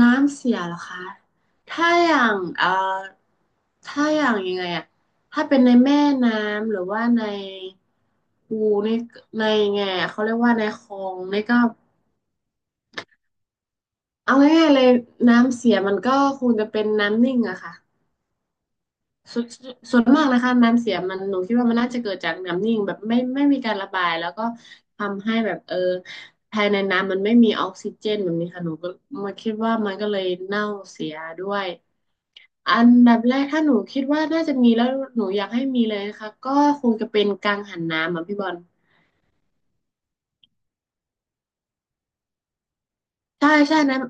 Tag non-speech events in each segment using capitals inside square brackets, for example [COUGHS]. น้ำเสียเหรอคะถ้าอย่างถ้าอย่างยังไงอะถ้าเป็นในแม่น้ำหรือว่าในคูในในงไงอะเขาเรียกว่าในคลองในก็เอาง่ายๆเลยน้ำเสียมันก็คงจะเป็นน้ำนิ่งอะค่ะส่วนส่วนมากนะคะน้ำเสียมันหนูคิดว่ามันน่าจะเกิดจากน้ำนิ่งแบบไม่มีการระบายแล้วก็ทำให้แบบภายในน้ำมันไม่มีออกซิเจนแบบนี้ค่ะหนูก็มาคิดว่ามันก็เลยเน่าเสียด้วย อันดับแรกถ้าหนูคิดว่าน่าจะมีแล้วหนูอยากให้มีเลยนะคะก็คงจะเป็นกังหันน้ำอ่ะพี่บอลใช่ใช่นั้น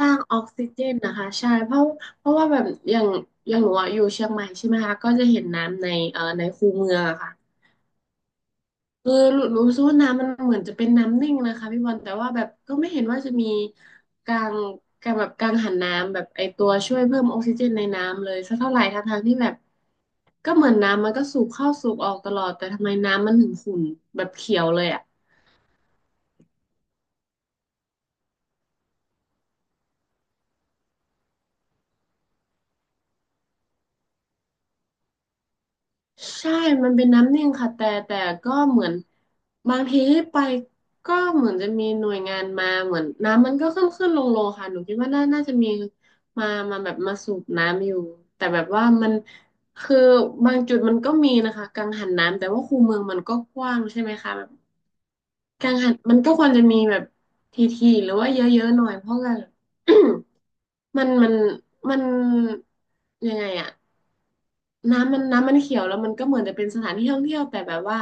สร้างออกซิเจนนะคะใช่เพราะเพราะว่าแบบอย่างอย่างหนูอะอยู่เชียงใหม่ใช่ไหมคะก็จะเห็นน้ำในในคูเมืองอะค่ะ เออรู้สึกว่าน้ำมันเหมือนจะเป็นน้ำนิ่งนะคะพี่บอลแต่ว่าแบบก็ไม่เห็นว่าจะมีกางกางหันน้ำแบบไอตัวช่วยเพิ่มออกซิเจนในน้ำเลยสักเท่าไหร่ทั้งทางที่แบบก็เหมือนน้ำมันก็สูบเข้าสูบออกตลอดแต่ทำไมน้ำมันถึงขุ่นแบบเขียวเลยอ่ะ ใช่มันเป็นน้ำนิ่งค่ะแต่ก็เหมือนบางทีไปก็เหมือนจะมีหน่วยงานมาเหมือนน้ำมันก็ขึ้นขึ้นลงลงค่ะหนูคิดว่าน่าจะมีมามาแบบมาสูบน้ำอยู่แต่แบบว่ามันคือบางจุดมันก็มีนะคะกังหันน้ำแต่ว่าคูเมืองมันก็กว้างใช่ไหมคะ กังหันมันก็ควรจะมีแบบทีๆหรือว่าเยอะๆหน่อยเพราะว่า [CLEARS THROAT] [COUGHS] มันมันมันยังไงอะน้ำมันน้ำมันเขียวแล้วมันก็เหมือนจะเป็นสถานที่ท่องเที่ยวแต่แบบว่า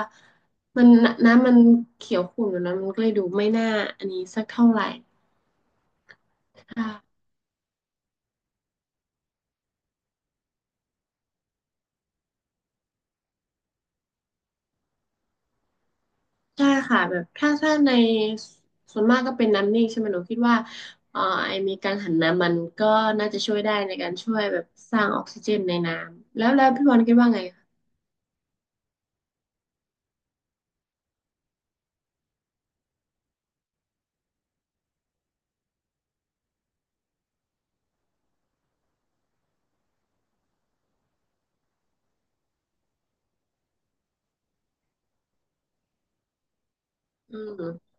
มันน้ำมันเขียวขุ่นอยู่นะมันก็เลยดูไม่น่าอันนี้สักเท่าไหร่ค่ะใช่ค่ะแบบถ้าในส่วนมากก็เป็นน้ำนิ่งใช่ไหมหนูคิดว่าเอ่อไอมีกังหันน้ำมันก็น่าจะช่วยได้ในการช่วยแบบสร้างออกซิเจนในน้ำแล้วพี่บอลคิดว่าไง อืม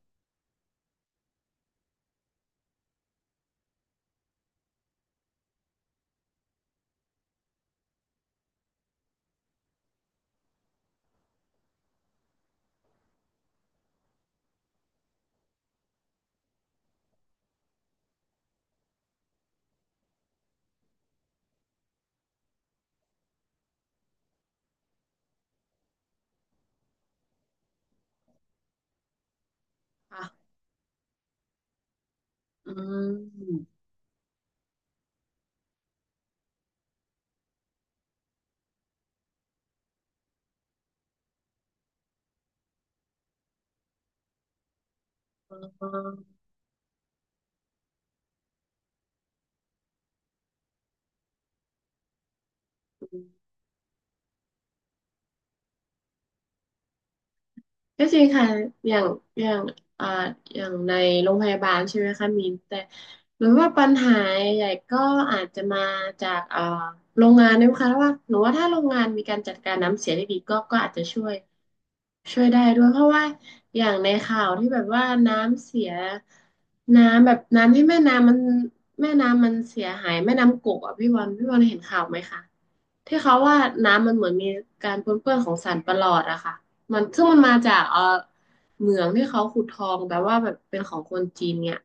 ค่ะอืมอ๋อก็จริงค่ะอย่างอย่างอ่าอย่างในโรงพยาบาลใช่ไหมคะมีนแต่หรือว่าปัญหาใหญ่ก็อาจจะมาจากโรงงานด้วยค่ะว่าหนูว่าถ้าโรงงานมีการจัดการน้ำเสียได้ดีก็อาจจะช่วยได้ด้วยเพราะว่าอย่างในข่าวที่แบบว่าน้ำเสียน้ำแบบน้ำที่แม่น้ำมันแม่น้ำมันเสียหายแม่น้ำกกอ่ะพี่วันเห็นข่าวไหมคะที่เขาว่าน้ำมันเหมือนมีการปนเปื้อนของสารประหลอดอะค่ะมันซึ่งมันมาจากเหมืองที่เขาขุดทองแบบว่าแบบเป็นของคนจีนเนี่ย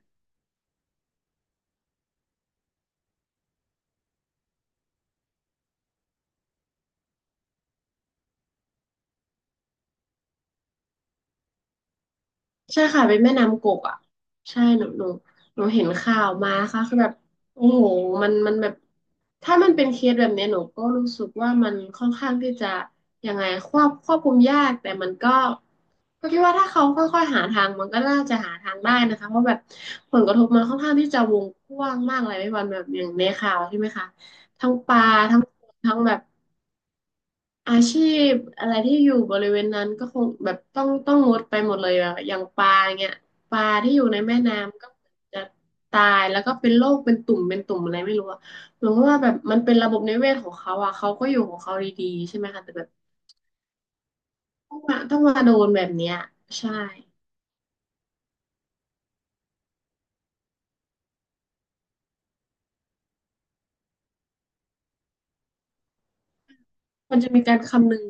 ใช่ค่ะเป็นแม่น้ำกกอ่ะใช่หนูเห็นข่าวมาค่ะคือแบบโอ้โหมันแบบถ้ามันเป็นเคสแบบเนี้ยหนูก็รู้สึกว่ามันค่อนข้างที่จะยังไงควบคุมยากแต่มันก็ก็คิดว่าถ้าเขาค่อยๆหาทางมันก็น่าจะหาทางได้นะคะเพราะแบบผลกระทบมันค่อนข้างที่จะวงกว้างมากเลยไม่วันแบบอย่างในข่าวใช่ไหมคะทั้งปลาทั้งคนทั้งแบบ อาชีพอะไรที่อยู่บริเวณนั้นก็คงแบบต้องงดไปหมดเลยอะอย่างปลาเงี้ยปลาที่อยู่ในแม่น้ำก็จะตายแล้วก็เป็นโรคเป็นตุ่มอะไรไม่รู้อะหนูว่าแบบมันเป็นระบบนิเวศของเขาอะเขาก็อยู่ของเขาดีๆใช่ไหมคะแต่แบบต้องมาโดนแบบเนี้ยใช่มันจะมีการคำนึง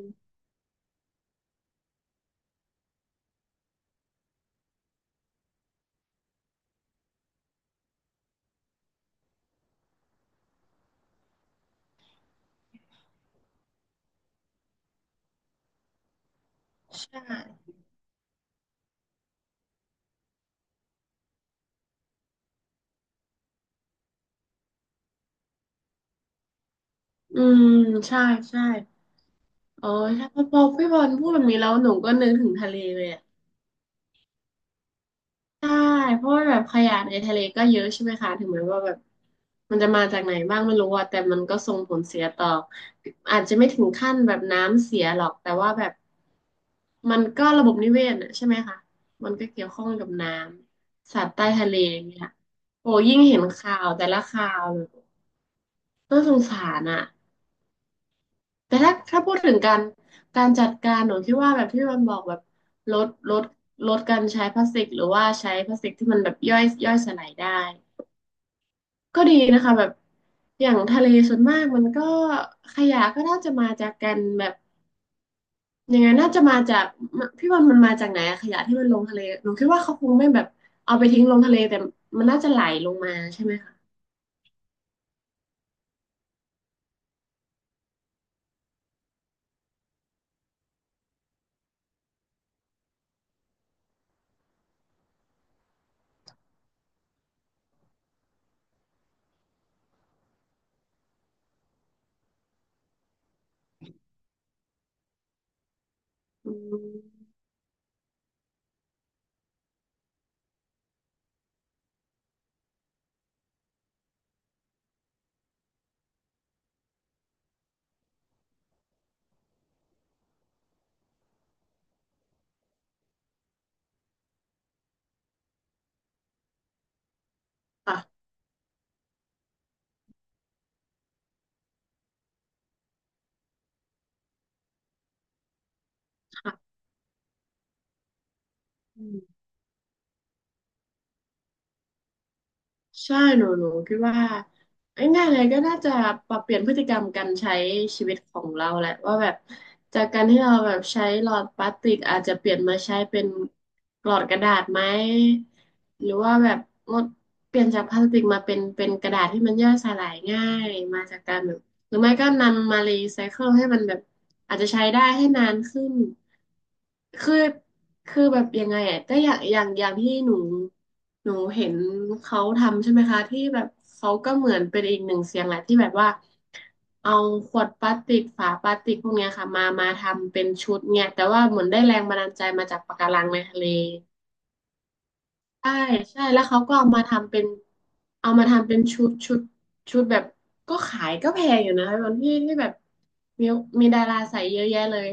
ใช่อืมใช่ใช่อ๋อใช่พอพี่บอลพูดแบบนี้แล้วหนูก็นึกถึงทะเลเลยอะ ใช่เพราะว่าแบบขยะในทะเลก็เยอะใช่ไหมคะถึงแม้ว่าแบบมันจะมาจากไหนบ้างไม่รู้อะแต่มันก็ส่งผลเสียต่ออาจจะไม่ถึงขั้นแบบน้ำเสียหรอกแต่ว่าแบบมันก็ระบบนิเวศอะใช่ไหมคะมันก็เกี่ยวข้องกับน้ำสัตว์ใต้ทะเลอย่างเนี่ยโอ้ยิ่งเห็นข่าวแต่ละข่าวแบบน่าสงสารอะแต่ถ้าพูดถึงการจัดการหนูคิดว่าแบบที่มันบอกแบบลดลดลดการใช้พลาสติกหรือว่าใช้พลาสติกที่มันแบบย่อยสลายได้ ก็ดีนะคะแบบอย่างทะเลส่วนมากมันก็ขยะก็น่าจะมาจากกันแบบยังไงน่าจะมาจากพี่วันมันมาจากไหนอะขยะที่มันลงทะเลหนูคิดว่าเขาคงไม่แบบเอาไปทิ้งลงทะเลแต่มันน่าจะไหลลงมาใช่ไหมคะอืมค่ะค่ะ ใช่หนูคิดว่าง่ายๆเลยก็น่าจะปรับเปลี่ยนพฤติกรรมการใช้ชีวิตของเราแหละว่าแบบจากการที่เราแบบใช้หลอดพลาสติกอาจจะเปลี่ยนมาใช้เป็นหลอดกระดาษไหมหรือว่าแบบงดเปลี่ยนจากพลาสติกมาเป็นกระดาษที่มันย่อยสลายง่ายมาจากการแบบ หรือไม่ก็นำมารีไซเคิลให้มันแบบอาจจะใช้ได้ให้นานขึ้น คือคือแบบยังไงอ่ะก็อย่างที่หนูเห็นเขาทำใช่ไหมคะที่แบบเขาก็เหมือนเป็นอีกหนึ่งเสียงแหละที่แบบว่าเอาขวดพลาสติกฝาพลาสติกพวกเนี้ยค่ะมาทำเป็นชุดเนี่ยแต่ว่าเหมือนได้แรงบันดาลใจมาจากปะการังในทะเล ใช่ใช่แล้วเขาก็เอามาทำเป็นเอามาทำเป็นชุดแบบก็ขายก็แพงอยู่นะตอนที่แบบมีมีดาราใส่เยอะแยะเลย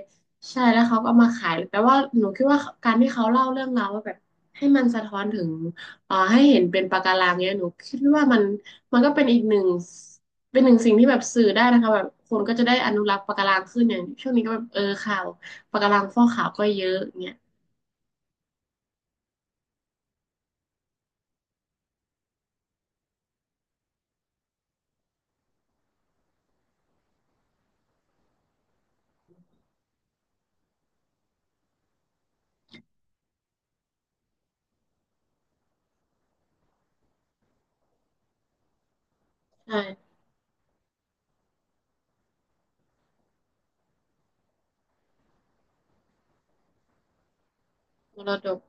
ใช่แล้วเขาก็เอามาขายแต่ว่าหนูคิดว่าการที่เขาเล่าเรื่องราวว่าแบบให้มันสะท้อนถึงให้เห็นเป็นปะการังเนี่ยหนูคิดว่ามันก็เป็นอีกหนึ่งเป็นหนึ่งสิ่งที่แบบสื่อได้นะคะแบบคนก็จะได้อนุรักษ์ปะการังขึ้นอย่างช่วงนี้ก็แบบเออข่าวปะการังฟอกขาวก็เยอะเงี้ยใช่มรดก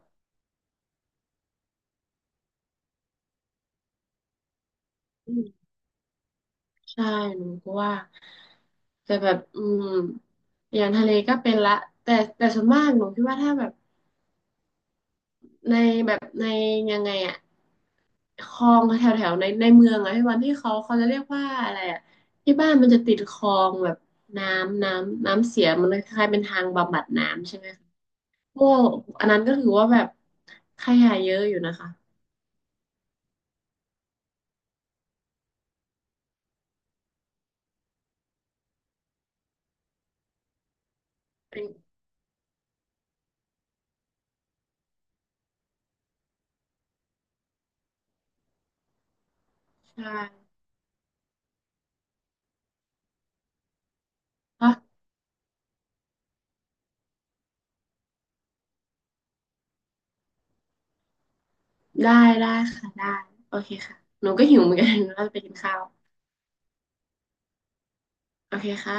ใช่หนูก็ว่าแต่แบบอืมอย่างทะเลก็เป็นละแต่แต่ส่วนมากหนูคิดว่าถ้าแบบในแบบในยังไงอะคลองแถวแถวในเมืองอะพี่วันที่เขาจะเรียกว่าอะไรอะที่บ้านมันจะติดคลองแบบน้ำเสียมันเลยคล้ายๆเป็นทางบำบัดน้ำใช่ไหมคะพวกอันนั้นก็ถือว่าแบบขยะเยอะอยู่นะคะเป็นใช่อ่ะได้ได้ค่ะได้โอเคค่ะหนูก็หิวเหมือนกัน [LAUGHS] ว่าจะไปกินข้าวโอเคค่ะ